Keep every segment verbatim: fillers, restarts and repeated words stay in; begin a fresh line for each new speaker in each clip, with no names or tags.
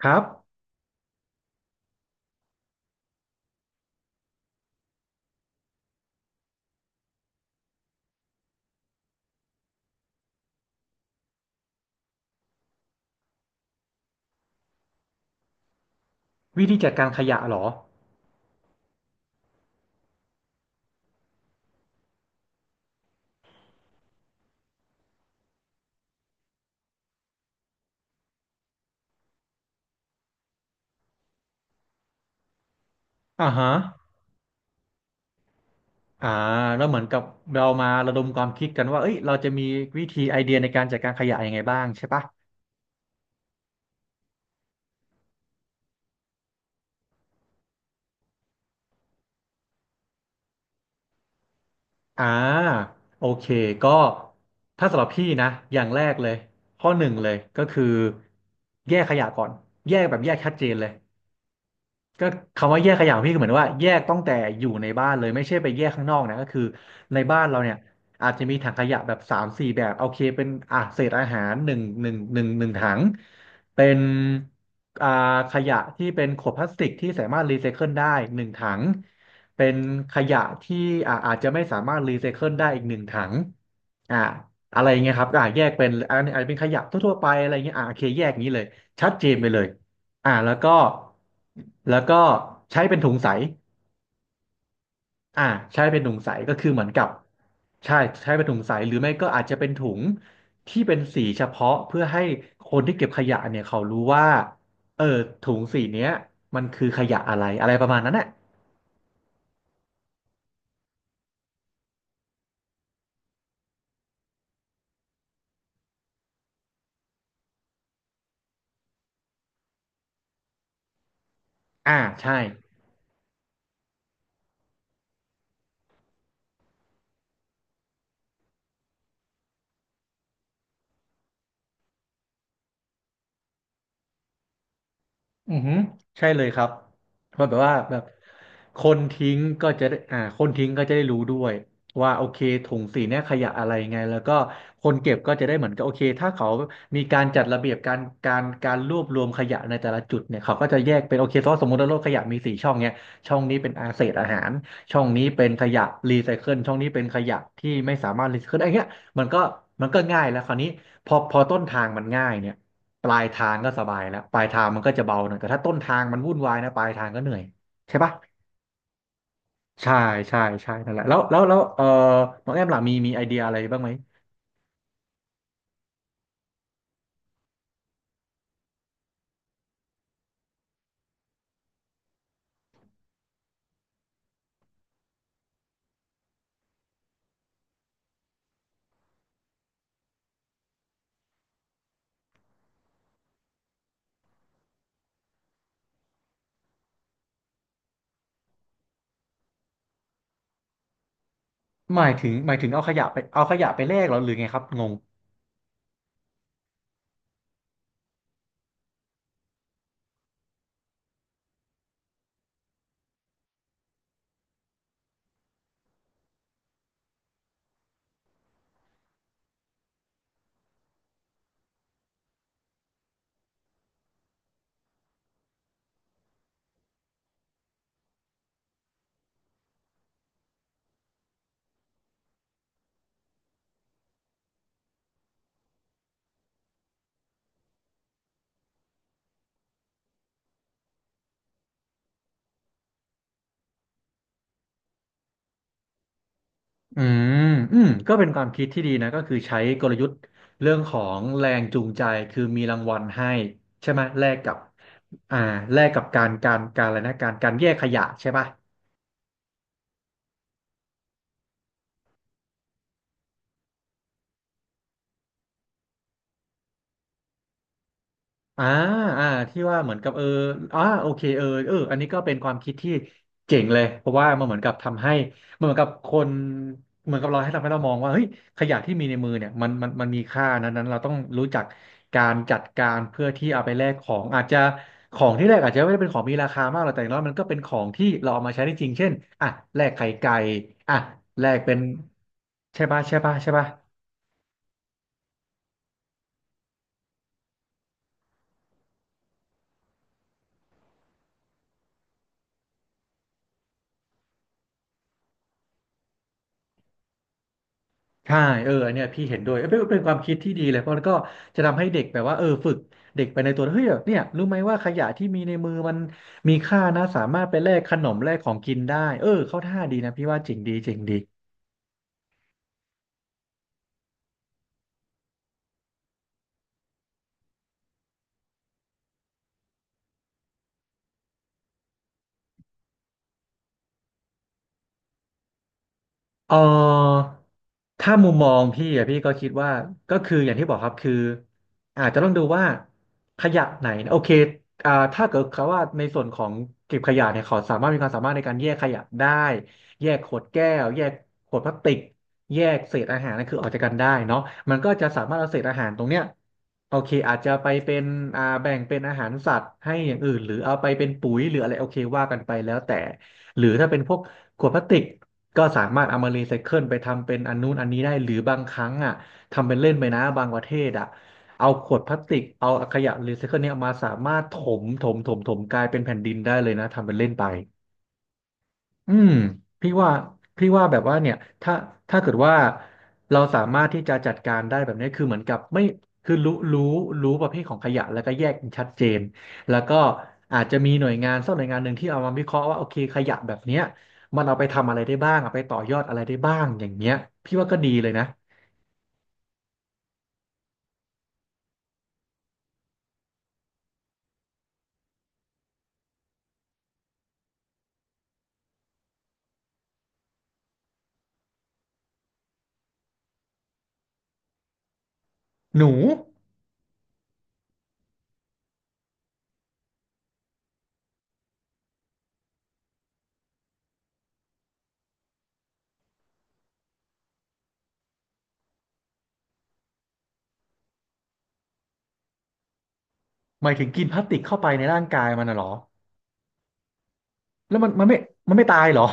ครับวิธีจัดการขยะเหรออ่าฮะอ่าแล้วเหมือนกับเรามาระดมความคิดกันว่าเอ้ยเราจะมีวิธีไอเดียในการจัดการขยะยังไงบ้างใช่ปะอ่าโอเคก็ถ้าสำหรับพี่นะอย่างแรกเลยข้อหนึ่งเลยก็คือแยกขยะก่อนแยกแบบแยกชัดเจนเลย ก็คำว่าแยกขยะของพี่คือเหมือนว่าแยกตั้งแต่อยู่ในบ้านเลยไม่ใช่ไปแยกข้างนอกนะก็คือในบ้านเราเนี่ยอาจจะมีถังขยะแบบสามสี่แบบโอเคเป็นอ่ะเศษอาหารหนึ่งหนึ่งหนึ่งหนึ่งถังเป็นอ่าขยะที่เป็นขวดพลาสติกที่สามารถรีไซเคิลได้หนึ่งถังเป็นขยะที่อ่าอาจจะไม่สามารถรีไซเคิลได้อีกหนึ่งถังอ่าอะไรอย่างเงี้ยครับอ่าแยกเป็นอันนี้อาจจะเป็นขยะทั่วๆไปอะไรเงี้ยอ่าโอเคแยกอย่างนี้เลยชัดเจนไปเลย อ่าแล้วก็แล้วก็ใช้เป็นถุงใสอ่าใช้เป็นถุงใสก็คือเหมือนกับใช่ใช้เป็นถุงใสหรือไม่ก็อาจจะเป็นถุงที่เป็นสีเฉพาะเพื่อให้คนที่เก็บขยะเนี่ยเขารู้ว่าเออถุงสีเนี้ยมันคือขยะอะไรอะไรประมาณนั้นแหละอ่าใช่ อือหือใช่เลยครับเพราะแบบว่าแบบคนทิ้งก็จะได้อ่าคนทิ้งก็จะได้รู้ด้วยว่าโอเคถุงสีเนี่ยขยะอะไรไงแล้วก็คนเก็บก็จะได้เหมือนกับโอเคถ้าเขามีการจัดระเบียบการการการรวบรวมขยะในแต่ละจุดเนี่ยเขาก็จะแยกเป็นโอเคเพราะสมมติว่าโลกขยะมีสี่ช่องเนี่ยช่องนี้เป็นอาเศษอาหารช่องนี้เป็นขยะรีไซเคิลช่องนี้เป็นขยะที่ไม่สามารถรีไซเคิลไอ้เงี้ยมันก็มันก็ง่ายแล้วคราวนี้พอพอต้นทางมันง่ายเนี่ย ปลายทางก็สบายแล้วปลายทางมันก็จะเบาหน่อยแต่ถ้าต้นทางมันวุ่นวายนะปลายทางก็เหนื่อยใช่ปะใช่ใช่ใช่นั่นแหละแล้วแล้วแล้วเออน้องแอมล่ะมีมีไอเดียอะไรบ้างไหมหมายถึงหมายถึงเอาขยะไปเอาขยะไปแลกเหรอหรือไงครับงงอืมอืมก็เป็นความคิดที่ดีนะก็คือใช้กลยุทธ์เรื่องของแรงจูงใจคือมีรางวัลให้ใช่ไหมแลกกับอ่าแลกกับการการการอะไรนะการการแยกขยะใช่ปะ อ่าอ่าที่ว่าเหมือนกับเอออ่าโอเคเออเอออันนี้ก็เป็นความคิดที่เจ๋งเลยเพราะว่ามันเหมือนกับทำให้มันเหมือนกับคนเหมือนกับเราให้ทำให้เรามองว่าเฮ้ยขยะที่มีในมือเนี่ยมันมันมันมีค่านะนั้นเราต้องรู้จักการจัดการเพื่อที่เอาไปแลกของอาจจะของที่แลกอาจจะไม่ได้เป็นของมีราคามากหรอกแต่อย่างน้อยมันก็เป็นของที่เราเอามาใช้ได้จริงเช่นอ่ะแลกไข่ไก่อ่ะแลกเป็นใช่ปะใช่ปะใช่ปะ ใช่เอออันเนี่ยพี่เห็นด้วยเอ้ยเป็นเป็นความคิดที่ดีเลย เพราะมันก็จะทำให้เด็กแบบว่าเออฝึกเด็กไปในตัวเฮ้ยเนี่ยรู้ไหมว่าขยะที่มีในมือมันมีค่านะ สามารถไปแลกขนมแลกของกินได้เออเข้าท่าดีนะพี่ว่าจริงดีจริงดี เออถ้ามุมมองพี่อะพี่ก็คิดว่าก็คืออย่างที่บอกครับคืออาจจะต้องดูว่าขยะไหนนะโอเคอ่าถ้าเกิดเขาว่าในส่วนของเก็บขยะเนี่ยเขาสามารถมีความสามารถในการแยกขยะได้แยกขวดแก้วแยกขวดพลาสติกแยกเศษอาหารนั่นคือออกจากกันได้เนาะมันก็จะสามารถเอาเศษอาหารตรงเนี้ยโอเคอาจจะไปเป็นอ่าแบ่งเป็นอาหารสัตว์ให้อย่างอื่นหรือเอาไปเป็นปุ๋ยหรืออะไรโอเคว่ากันไปแล้วแต่หรือถ้าเป็นพวก ขวดพลาสติกก็สามารถเอามารีไซเคิลไปทำเป็นอันนู้นอันนี้ได้หรือบางครั้งอ่ะทำเป็นเล่นไปนะบางประเทศอ่ะเอาขวดพลาสติกเอาขยะรีไซเคิลเนี่ยอมาสามารถถมถมถมถมกลายเป็นแผ่นดินได้เลยนะทำเป็นเล่นไป อืมพี่ว่าพี่ว่าแบบว่าเนี่ยถ้าถ้าเกิดว่าเราสามารถที่จะจัดการได้แบบนี้คือเหมือนกับไม่คือรู้รู้รู้ประเภทของขยะแล้วก็แยกชัดเจนแล้วก็อาจจะมีหน่วยงานสักหน่วยงานหนึ่งที่เอามาวิเคราะห์ว่าโอเคขยะแบบเนี้ยมันเอาไปทำอะไรได้บ้างเอาไปต่อยอดอะไรได้บ้างอย่างเงี้ยพี่ว่าก็ดีเลยนะหนูหมายถึงกินพลาสติกเข้าไปในร่างกายมันน่ะเหรอแล้วมันมันไม่มันไม่ตายเหรอ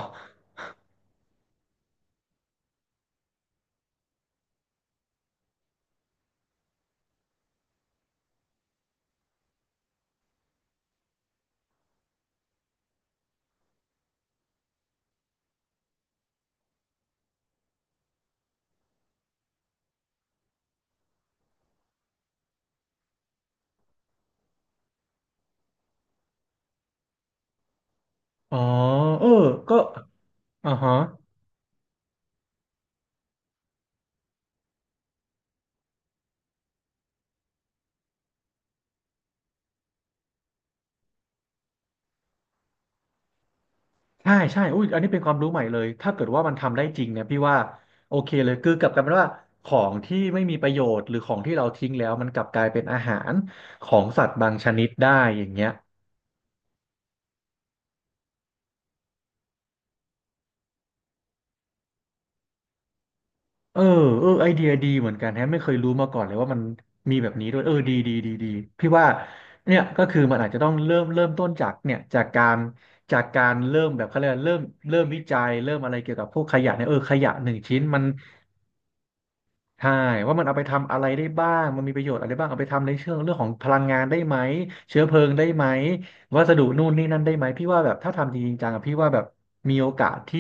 อ๋อเออก็อ่าฮะ ใช่ใช่อุ้ยอันนี้เป็นความรู้ใหม่เลย ถ้าเกิดว่ามันทำได้จริงเนี่ยพี่ว่าโอเคเลยคือกลับกลายเป็นว่าของที่ไม่มีประโยชน์หรือของที่เราทิ้งแล้วมันกลับกลายเป็นอาหารของสัตว์บางชนิดได้อย่างเงี้ยเออเออไอเดียดีเหมือนกันแฮะไม่เคยรู้มาก่อนเลยว่ามันมีแบบนี้ด้วยเออดีดีดีดี พี่ว่าเนี่ยก็คือมันอาจจะต้องเริ่มเริ่มต้นจากเนี่ยจากการจากการเริ่มแบบเขาเรียกว่าเริ่มเริ่มวิจัยเริ่มอะไรเกี่ยวกับพวกขยะเนี่ยเออขยะหนึ่งชิ้นมัน ใช่ว่ามันเอาไปทำอะไรได้บ้างมันมีประโยชน์อะไรบ้างเอาไปทำในเชิงเรื่องของพลังงานได้ไหมเชื้อเพลิงได้ไหมวัสดุนู่นนี่นั่นได้ไหมพี่ว่าแบบถ้าทำจริงๆจังอะพี่ว่าแบบมีโอกาสที่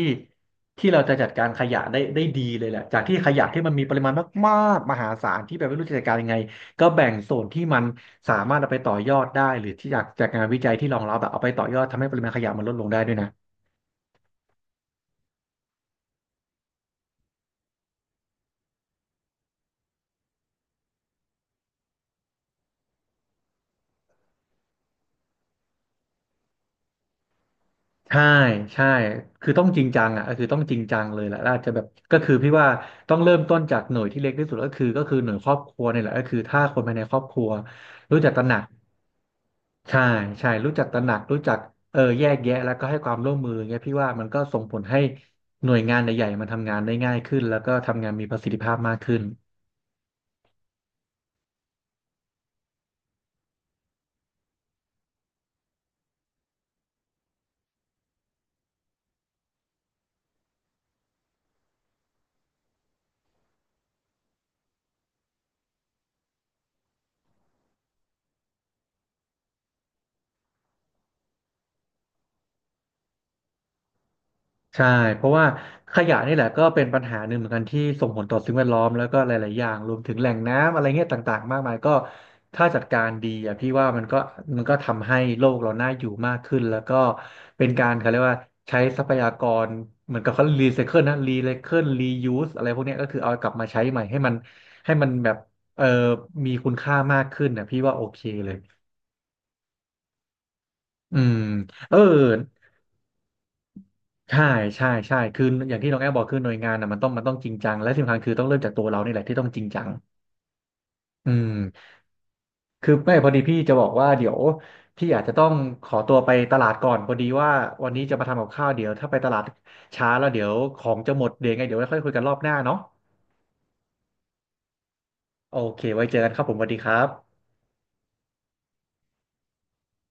ที่เราจะจัดการขยะได้ได้ดีเลยแหละจากที่ขยะที่มันมีปริมาณมากๆมหาศาลที่แบบไม่รู้จะจัดการยังไงก็แบ่งโซนที่มันสามารถเอาไปต่อยอดได้หรือที่จากจากงานวิจัยที่รองรับแบบเอาไปต่อยอดทำให้ปริมาณขยะมันลดลงได้ด้วยนะ ใช่ใช่คือต้องจริงจังอ่ะก็คือต้องจริงจังเลยแหละแล้วอาจจะแบบก็คือพี่ว่าต้องเริ่มต้นจากหน่วยที่เล็กที่สุดก็คือก็คือหน่วยครอบครัวเนี่ยแหละก็คือถ้าคนภายในครอบครัวรู้จักตระหนักใช่ใช่รู้จักตระหนักรู้จักเออแยกแยะแล้วก็ให้ความร่วมมือเงี้ยพี่ว่ามันก็ส่งผลให้หน่วยงานใหญ่ๆมันทำงานได้ง่ายขึ้นแล้วก็ทำงานมีประสิทธิภาพมากขึ้น ใช่เพราะว่าขยะนี่แหละก็เป็นปัญหาหนึ่งเหมือนกันที่ส่งผลต่อสิ่งแวดล้อมแล้วก็หลายๆ อย่างรวมถึงแหล่งน้ำอะไรเงี้ยต่างๆ มากมายก็ถ้าจัดการดีอ่ะพี่ว่ามันก็มันก็ทำให้โลกเราน่าอยู่มากขึ้นแล้วก็เป็นการเขาเรียกว่าใช้ทรัพยากรเหมือนกับเขารีไซเคิลนะรีไซเคิลรียูสอะไรพวกเนี้ยก็คือเอากลับมาใช้ใหม่ให้มันให้มันแบบเออมีคุณค่ามากขึ้นนะพี่ว่าโอเคเลยอืมเออ ใช่ใช่ใช่คืออย่างที่น้องแอบบอกคือหน่วยงานอ่ะมันต้องมันต้องจริงจังและที่สำคัญคือต้องเริ่มจากตัวเรานี่แหละที่ต้องจริงจังอืมคือไม่พอดีพี่จะบอกว่าเดี๋ยวพี่อาจจะต้องขอตัวไปตลาดก่อนพอดีว่าวันนี้จะมาทำกับข้าวเดี๋ยวถ้าไปตลาดช้าแล้วเดี๋ยวของจะหมดเดี๋ยวไงเดี๋ยวค่อยคุยกันรอบหน้าเนาะโอเคไว้เจอกันครับผมสวัสดีครับ